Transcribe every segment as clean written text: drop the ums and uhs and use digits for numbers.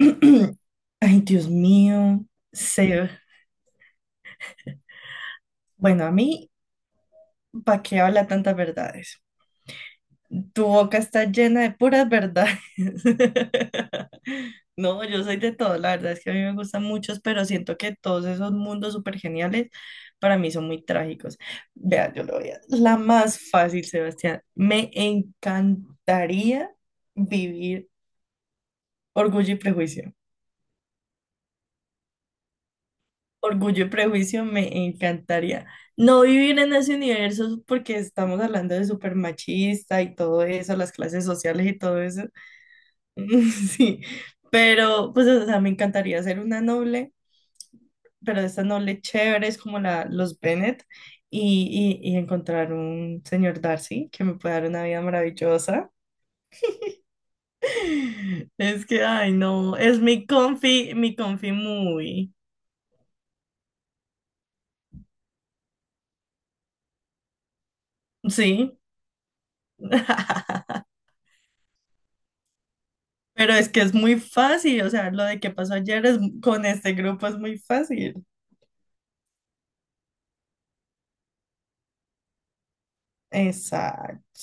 Ay, Dios mío, Seb. Bueno, a mí, ¿para qué habla tantas verdades? Tu boca está llena de puras verdades. No, yo soy de todo, la verdad es que a mí me gustan muchos, pero siento que todos esos mundos súper geniales para mí son muy trágicos. Vea, yo lo voy a... La más fácil, Sebastián. Me encantaría vivir Orgullo y Prejuicio. Orgullo y Prejuicio me encantaría. No vivir en ese universo porque estamos hablando de súper machista y todo eso, las clases sociales y todo eso. Sí, pero pues o sea, me encantaría ser una noble, pero de estas nobles chéveres como la, los Bennet y encontrar un señor Darcy que me pueda dar una vida maravillosa. Es que, ay, no, es mi confi muy. Sí. Pero es que es muy fácil, o sea, lo de que pasó ayer es, con este grupo es muy fácil. Exacto.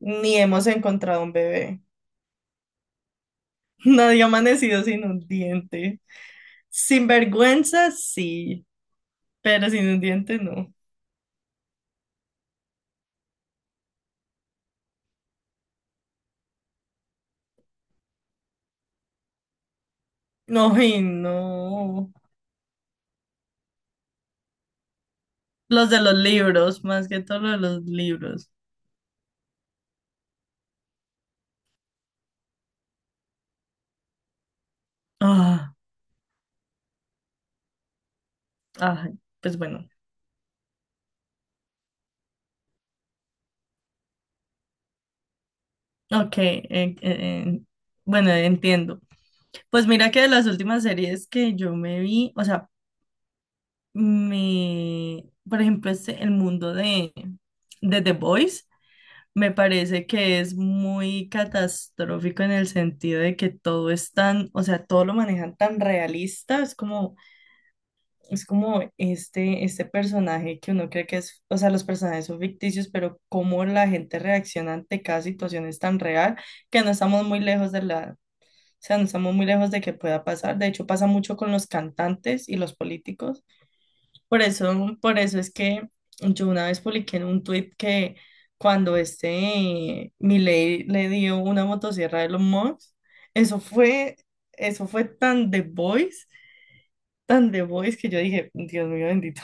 Ni hemos encontrado un bebé. Nadie ha amanecido sin un diente. Sin vergüenza, sí, pero sin un diente no. No, y no. Los de los libros, más que todo lo de los libros. Ah, ay, pues bueno. Ok, bueno, entiendo. Pues mira que de las últimas series que yo me vi, o sea, me, por ejemplo, este, el mundo de The Voice me parece que es muy catastrófico en el sentido de que todo es tan, o sea, todo lo manejan tan realista, es como este personaje que uno cree que es, o sea, los personajes son ficticios, pero cómo la gente reacciona ante cada situación es tan real que no estamos muy lejos de la... O sea, no estamos muy lejos de que pueda pasar. De hecho, pasa mucho con los cantantes y los políticos por eso es que yo una vez publiqué en un tweet que cuando este Milei le dio una motosierra de los Musk, eso fue, eso fue tan The Voice que yo dije, Dios mío bendito.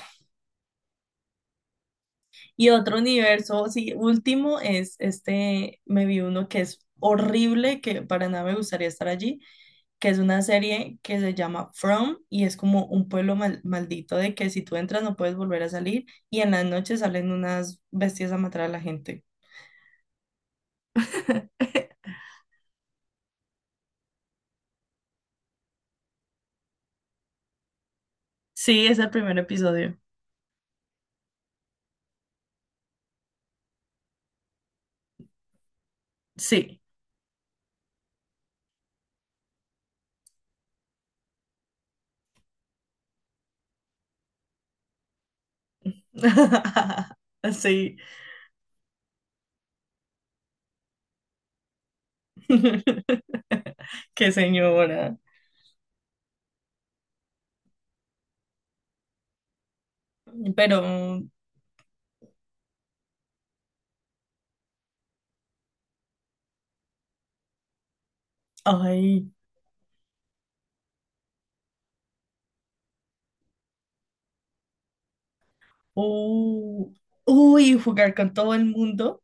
Y otro universo, sí, último es este, me vi uno que es horrible, que para nada me gustaría estar allí, que es una serie que se llama From y es como un pueblo mal- maldito de que si tú entras no puedes volver a salir y en las noches salen unas bestias a matar a la gente. Sí, es el primer episodio. Sí. Sí. Qué señora. Pero, ay, uh, jugar con todo el mundo.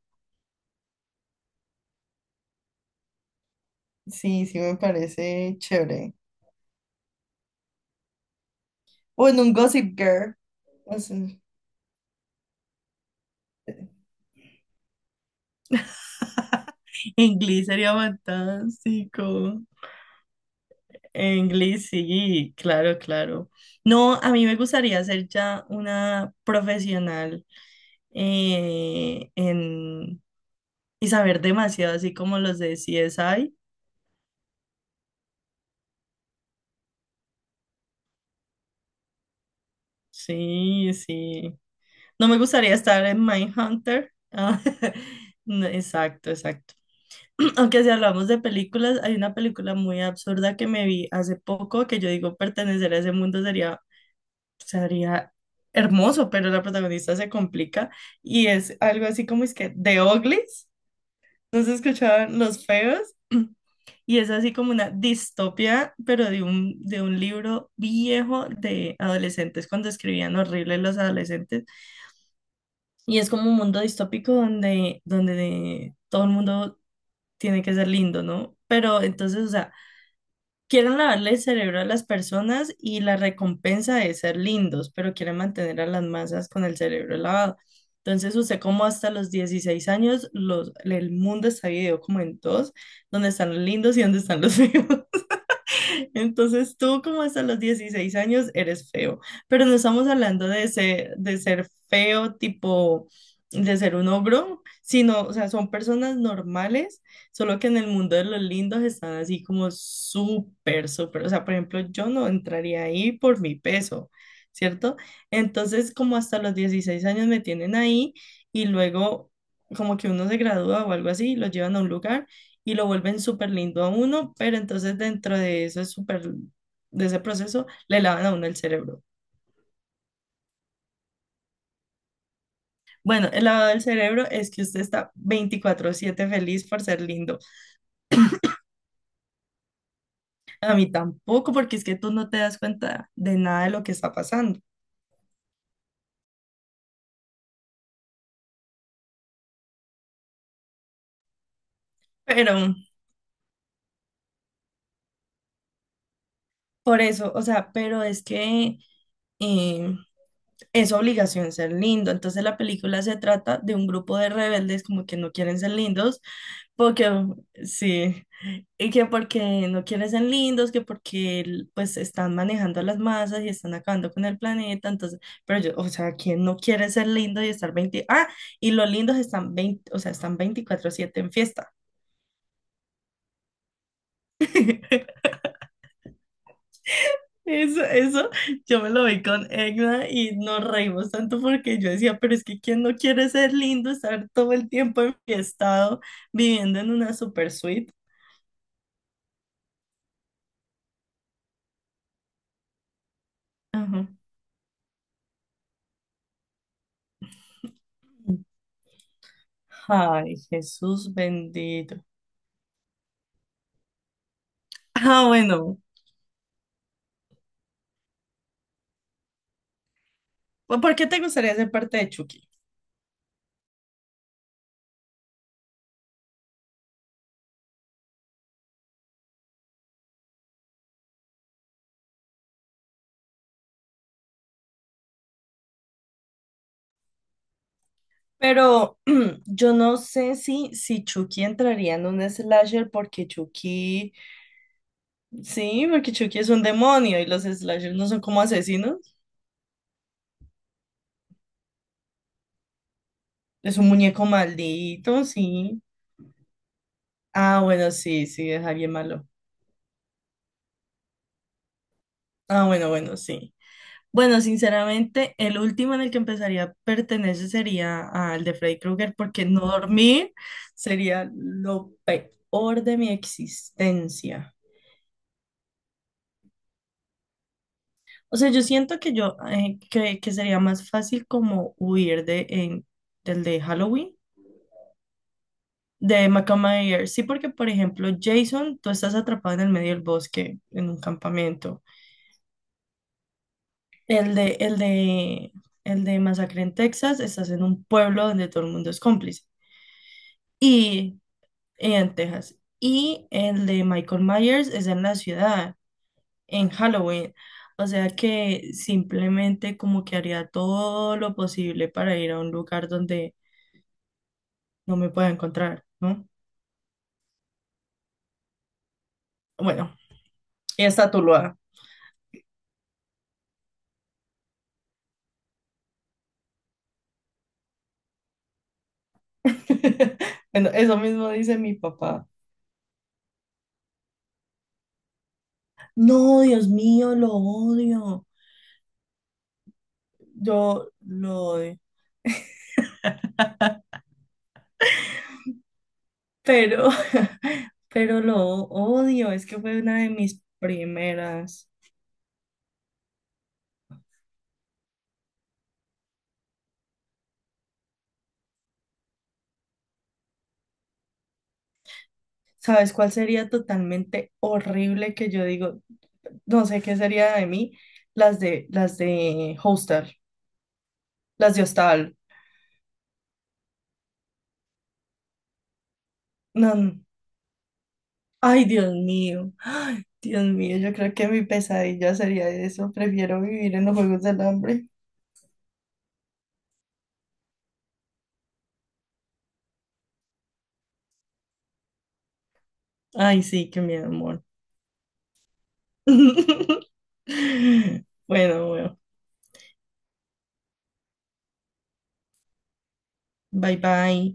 Sí, sí me parece chévere. O en un Gossip Girl. O sea, Inglés sería fantástico. Inglés, sí, claro, claro. No, a mí me gustaría ser ya una profesional eh, en, y saber demasiado, así como los de CSI. Sí, sí. No me gustaría estar en Mindhunter. Ah, no, exacto, exacto. Aunque si hablamos de películas, hay una película muy absurda que me vi hace poco que yo digo pertenecer a ese mundo sería, sería hermoso, pero la protagonista se complica y es algo así como es que The Uglies, ¿no se escuchaban los feos? Y es así como una distopia, pero de un libro viejo de adolescentes, cuando escribían horrible los adolescentes. Y es como un mundo distópico donde todo el mundo tiene que ser lindo, ¿no? Pero entonces, o sea, quieren lavarle el cerebro a las personas y la recompensa de ser lindos, pero quieren mantener a las masas con el cerebro lavado. Entonces, usted como hasta los 16 años, los, el mundo está dividido como en dos, donde están los lindos y donde están los feos. Entonces tú como hasta los 16 años eres feo, pero no estamos hablando de ser feo tipo de ser un ogro, sino, o sea, son personas normales, solo que en el mundo de los lindos están así como súper, súper, o sea, por ejemplo, yo no entraría ahí por mi peso, ¿cierto? Entonces como hasta los 16 años me tienen ahí y luego como que uno se gradúa o algo así, lo llevan a un lugar y lo vuelven súper lindo a uno, pero entonces dentro de eso es súper, de ese proceso, le lavan a uno el cerebro. Bueno, el lavado del cerebro es que usted está 24/7 feliz por ser lindo. A mí tampoco, porque es que tú no te das cuenta de nada de lo que está pasando. Pero por eso, o sea, pero es que eh, es obligación ser lindo. Entonces la película se trata de un grupo de rebeldes como que no quieren ser lindos. Porque, sí, y que porque no quieren ser lindos, que porque el- pues están manejando las masas y están acabando con el planeta, entonces, pero yo, o sea, ¿quién no quiere ser lindo y estar 20 Ah, y los lindos están 20 o sea, están 24/7 en fiesta. Eso, yo me lo vi con Egna y nos reímos tanto porque yo decía, pero es que ¿quién no quiere ser lindo, estar todo el tiempo enfiestado, viviendo en una super suite? Ajá. Ay, Jesús bendito. Ah, bueno, ¿por qué te gustaría ser parte de Chucky? Pero yo no sé si Chucky entraría en un slasher porque Chucky, sí, porque Chucky es un demonio y los slashers no son como asesinos. Es un muñeco maldito, sí. Ah, bueno, sí, sí, es alguien malo. Ah, bueno, bueno, sí. Bueno, sinceramente, el último en el que empezaría a pertenecer sería al de Freddy Krueger, porque no dormir sería lo peor de mi existencia. O sea, yo siento que yo, que sería más fácil como huir de, en- del de Halloween, de Michael. Sí, porque, por ejemplo, Jason, tú estás atrapado en el medio del bosque, en un campamento. El de, el de, el de Masacre en Texas, estás en un pueblo donde todo el mundo es cómplice. Y en Texas. Y el de Michael Myers es en la ciudad, en Halloween. O sea que simplemente como que haría todo lo posible para ir a un lugar donde no me pueda encontrar, ¿no? Bueno, y está Tuluá. Bueno, eso mismo dice mi papá. No, Dios mío, lo odio. Yo lo odio. Pero, pero lo odio. Es que fue una de mis primeras. ¿Sabes cuál sería totalmente horrible que yo digo? No sé qué sería de mí, las de Hostel, las de Hostal. No, no. Ay, Dios mío. Ay, Dios mío, yo creo que mi pesadilla sería eso. Prefiero vivir en los Juegos del Hambre. Ay, sí, qué miedo, amor. Bueno, bueno. Bye bye.